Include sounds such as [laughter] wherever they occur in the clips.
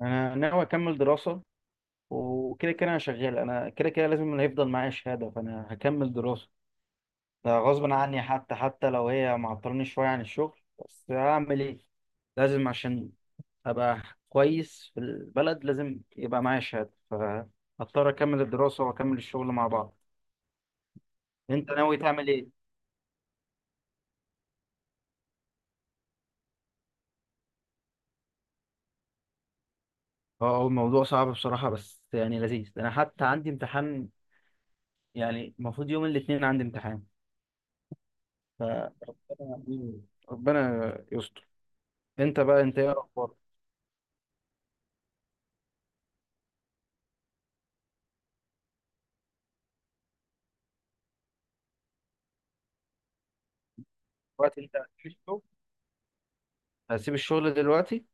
انا ناوي اكمل دراسه. وكده كده انا شغال، انا كده كده لازم اللي هيفضل معايا شهاده، فانا هكمل دراسه. ده غصب عني، حتى لو هي معطلني شويه عن الشغل، بس هعمل ايه؟ لازم عشان ابقى كويس في البلد، لازم يبقى معايا شهاده، فهضطر اكمل الدراسه واكمل الشغل مع بعض. انت ناوي تعمل ايه؟ اه، هو الموضوع صعب بصراحه، بس يعني لذيذ. انا حتى عندي امتحان، يعني المفروض يوم الاثنين عندي امتحان. ف ربنا ربنا يستر. انت ايه اخبارك؟ دلوقتي انت هتسيب الشغل؟ هتسيب الشغل دلوقتي؟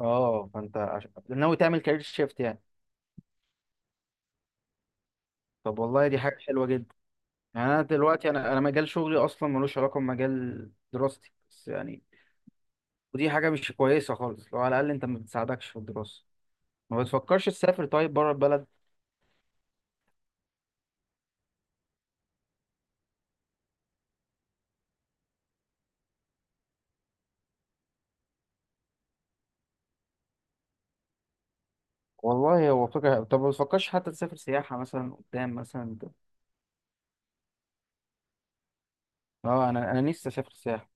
اه، فانت ناوي تعمل كارير شيفت يعني؟ طب والله دي حاجه حلوه جدا. يعني انا دلوقتي، انا مجال شغلي اصلا ملوش علاقه بمجال دراستي، بس يعني ودي حاجه مش كويسه خالص، لو على الاقل انت ما بتساعدكش في الدراسه. ما بتفكرش تسافر طيب بره البلد؟ والله هو فكره، طب ما بتفكرش حتى تسافر سياحه مثلا قدام مثلا؟ اه، انا نفسي اسافر سياحه.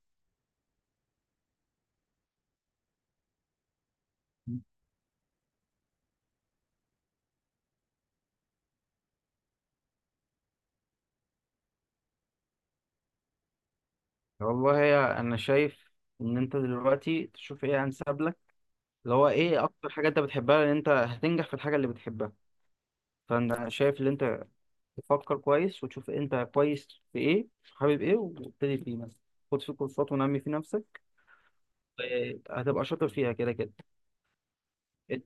والله يا، انا شايف ان انت دلوقتي تشوف ايه انسب لك، اللي هو ايه اكتر حاجه انت بتحبها، لان انت هتنجح في الحاجه اللي بتحبها. فانا شايف ان انت تفكر كويس وتشوف انت كويس في ايه، حابب ايه وابتدي فيه مثلا، خد فيه كورسات ونمي في نفسك. إيه، هتبقى شاطر فيها كده كده. إت-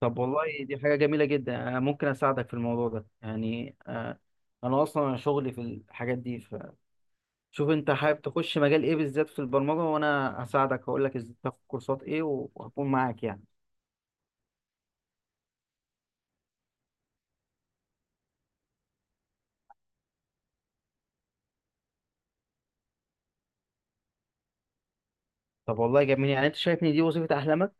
طب والله دي حاجه جميله جدا، انا ممكن اساعدك في الموضوع ده يعني. آه، انا اصلا شغلي في الحاجات دي، فشوف انت حابب تخش مجال ايه بالذات في البرمجه، وانا هساعدك هقول لك ازاي تاخد كورسات ايه وهكون معاك يعني. طب والله جميل، يعني انت شايفني دي وظيفه احلامك.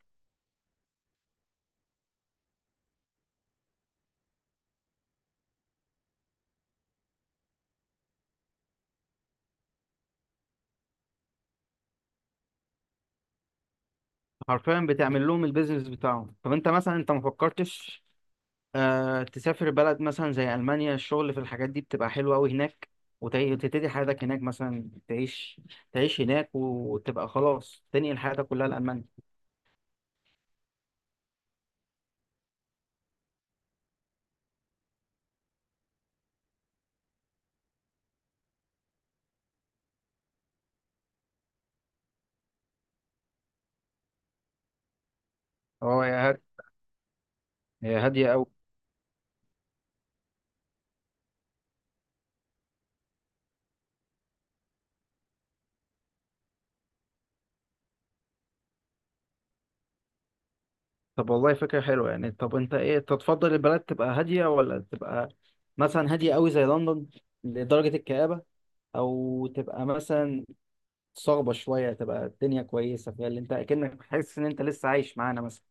حرفيا بتعمل لهم البيزنس بتاعهم. طب انت مثلا، انت ما فكرتش آه تسافر بلد مثلا زي المانيا؟ الشغل في الحاجات دي بتبقى حلوه قوي هناك. وتبتدي حياتك هناك مثلا، تعيش هناك وتبقى خلاص، تنقل حياتك كلها لالمانيا. اه يا هاد، هي هاديه قوي. طب والله فكره حلوه يعني طب انت ايه تتفضل البلد تبقى هاديه ولا تبقى مثلا هاديه قوي زي لندن لدرجه الكآبه او تبقى مثلا صعبة شوية تبقى الدنيا كويسة فيها اللي انت اكنك حاسس ان انت لسه عايش معانا مثلا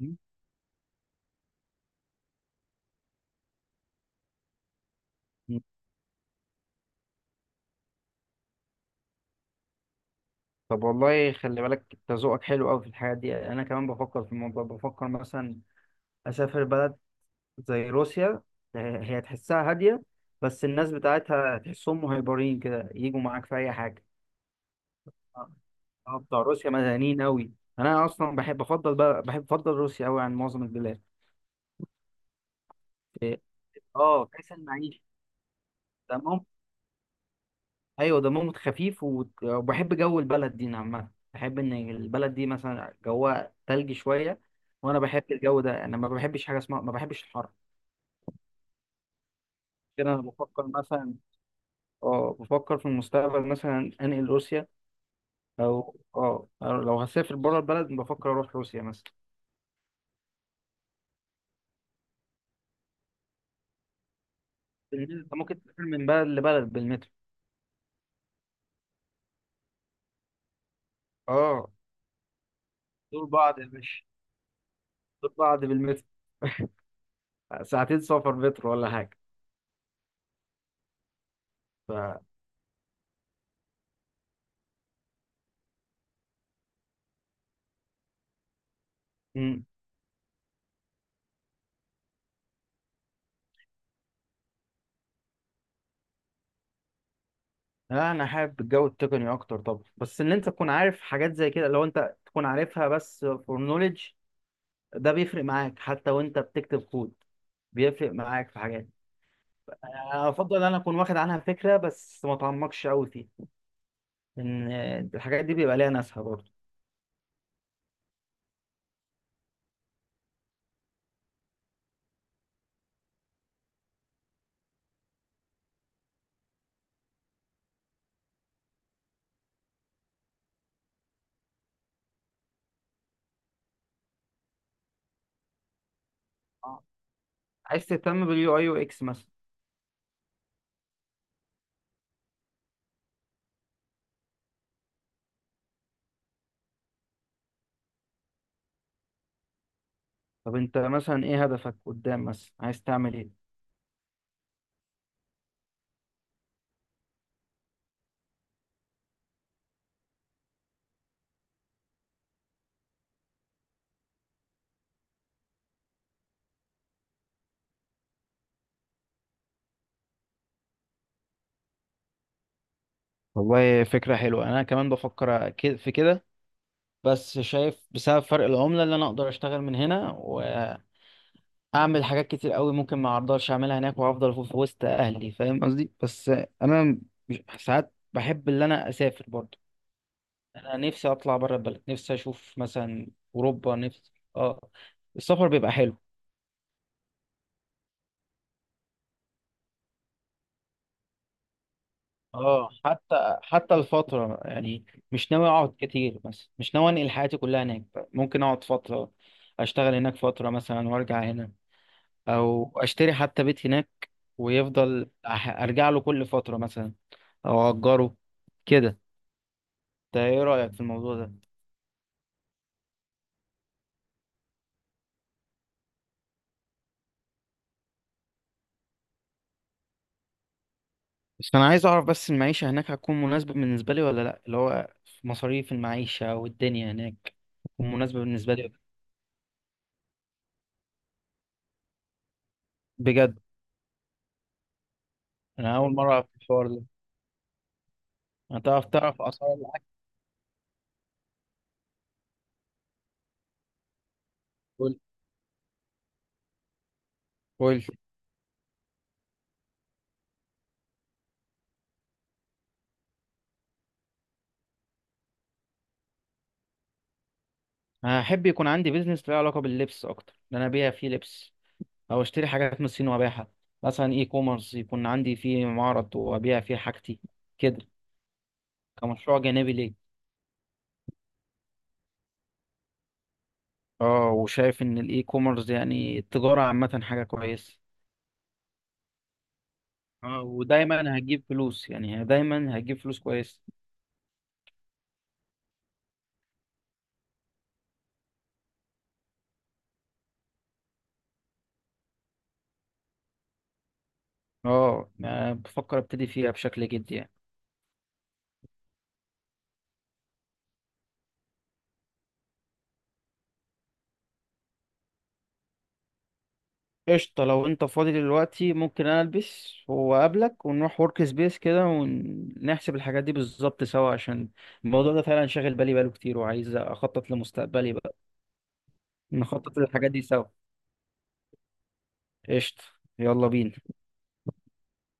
مم. مم. طب والله خلي بالك، انت ذوقك حلو قوي في الحاجات دي. انا كمان بفكر في الموضوع، بفكر مثلا اسافر بلد زي روسيا. آه، هي تحسها هاديه، بس الناس بتاعتها تحسهم مهيبرين كده، يجوا معاك في اي حاجه. اه. آه، بتوع روسيا مدنيين قوي. انا اصلا بحب افضل بقى، بحب افضل روسيا قوي عن معظم البلاد. اه كاس المعيشه. ايوه، دمهم خفيف، وبحب جو البلد دي عامه، بحب ان البلد دي مثلا جوها تلج شويه. وانا بحب الجو ده، انا ما بحبش حاجه اسمها، ما بحبش الحر. كده انا بفكر مثلا، اه بفكر في المستقبل مثلا انقل روسيا. او أو لو هسافر بره البلد بفكر اروح روسيا مثلا. بالمترو، انت ممكن تسافر من بلد لبلد بالمترو. اه، دول بعض يا باشا. دول بعض بالمترو. [laughs] ساعتين سفر مترو ولا حاجه. ف لا انا حابب الجو التقني اكتر طبعا، بس ان انت تكون عارف حاجات زي كده، لو انت تكون عارفها بس فور نوليدج، ده بيفرق معاك حتى وانت بتكتب كود، بيفرق معاك في حاجات. أنا افضل ان انا اكون واخد عنها فكره بس ما اتعمقش قوي فيها. ان الحاجات دي بيبقى ليها ناسها برضه. آه. عايز تهتم باليو اي UX مثلا؟ طب انت مثلا ايه هدفك قدام مثلا، عايز تعمل ايه؟ والله فكرة حلوة، أنا كمان بفكر في كده. بس شايف بسبب فرق العملة اللي أنا أقدر أشتغل من هنا، اعمل حاجات كتير قوي ممكن ما اقدرش اعملها هناك، وافضل في وسط اهلي، فاهم قصدي؟ بس انا ساعات بحب ان انا اسافر برضو. انا نفسي اطلع بره البلد، نفسي اشوف مثلا اوروبا، نفسي اه. السفر بيبقى حلو. اه حتى الفترة يعني، مش ناوي اقعد كتير مثلا، مش ناوي انقل حياتي كلها هناك. ممكن اقعد فترة، اشتغل هناك فترة مثلا وارجع هنا. او اشتري حتى بيت هناك، ويفضل ارجع له كل فترة مثلا، او اجره كده. ده ايه رأيك في الموضوع ده؟ بس انا عايز اعرف بس المعيشة هناك هتكون مناسبة بالنسبة لي ولا لا، اللي هو مصاريف المعيشة والدنيا هناك هتكون مناسبة بالنسبة لي بجد؟ انا اول مرة اعرف الحوار ده. هتعرف تعرف اسعار الاكل. قول. قول. هحب يكون عندي بيزنس له علاقة باللبس اكتر، ان انا ابيع فيه لبس، او اشتري حاجات من الصين وابيعها، مثلا اي كوميرس يكون عندي فيه معرض وابيع فيه حاجتي كده، كمشروع جانبي ليه. اه، وشايف ان الاي كوميرس يعني التجارة عامة حاجة كويسة. اه ودايما هتجيب فلوس، يعني هي دايما هتجيب فلوس كويس. اه، أه بفكر ابتدي فيها بشكل جدي يعني. قشطة، لو انت فاضي دلوقتي ممكن انا البس واقابلك ونروح ورك سبيس كده ونحسب الحاجات دي بالظبط سوا، عشان الموضوع ده فعلا شاغل بالي بقاله كتير، وعايز اخطط لمستقبلي بقى. نخطط للحاجات دي سوا. قشطة، يلا بينا.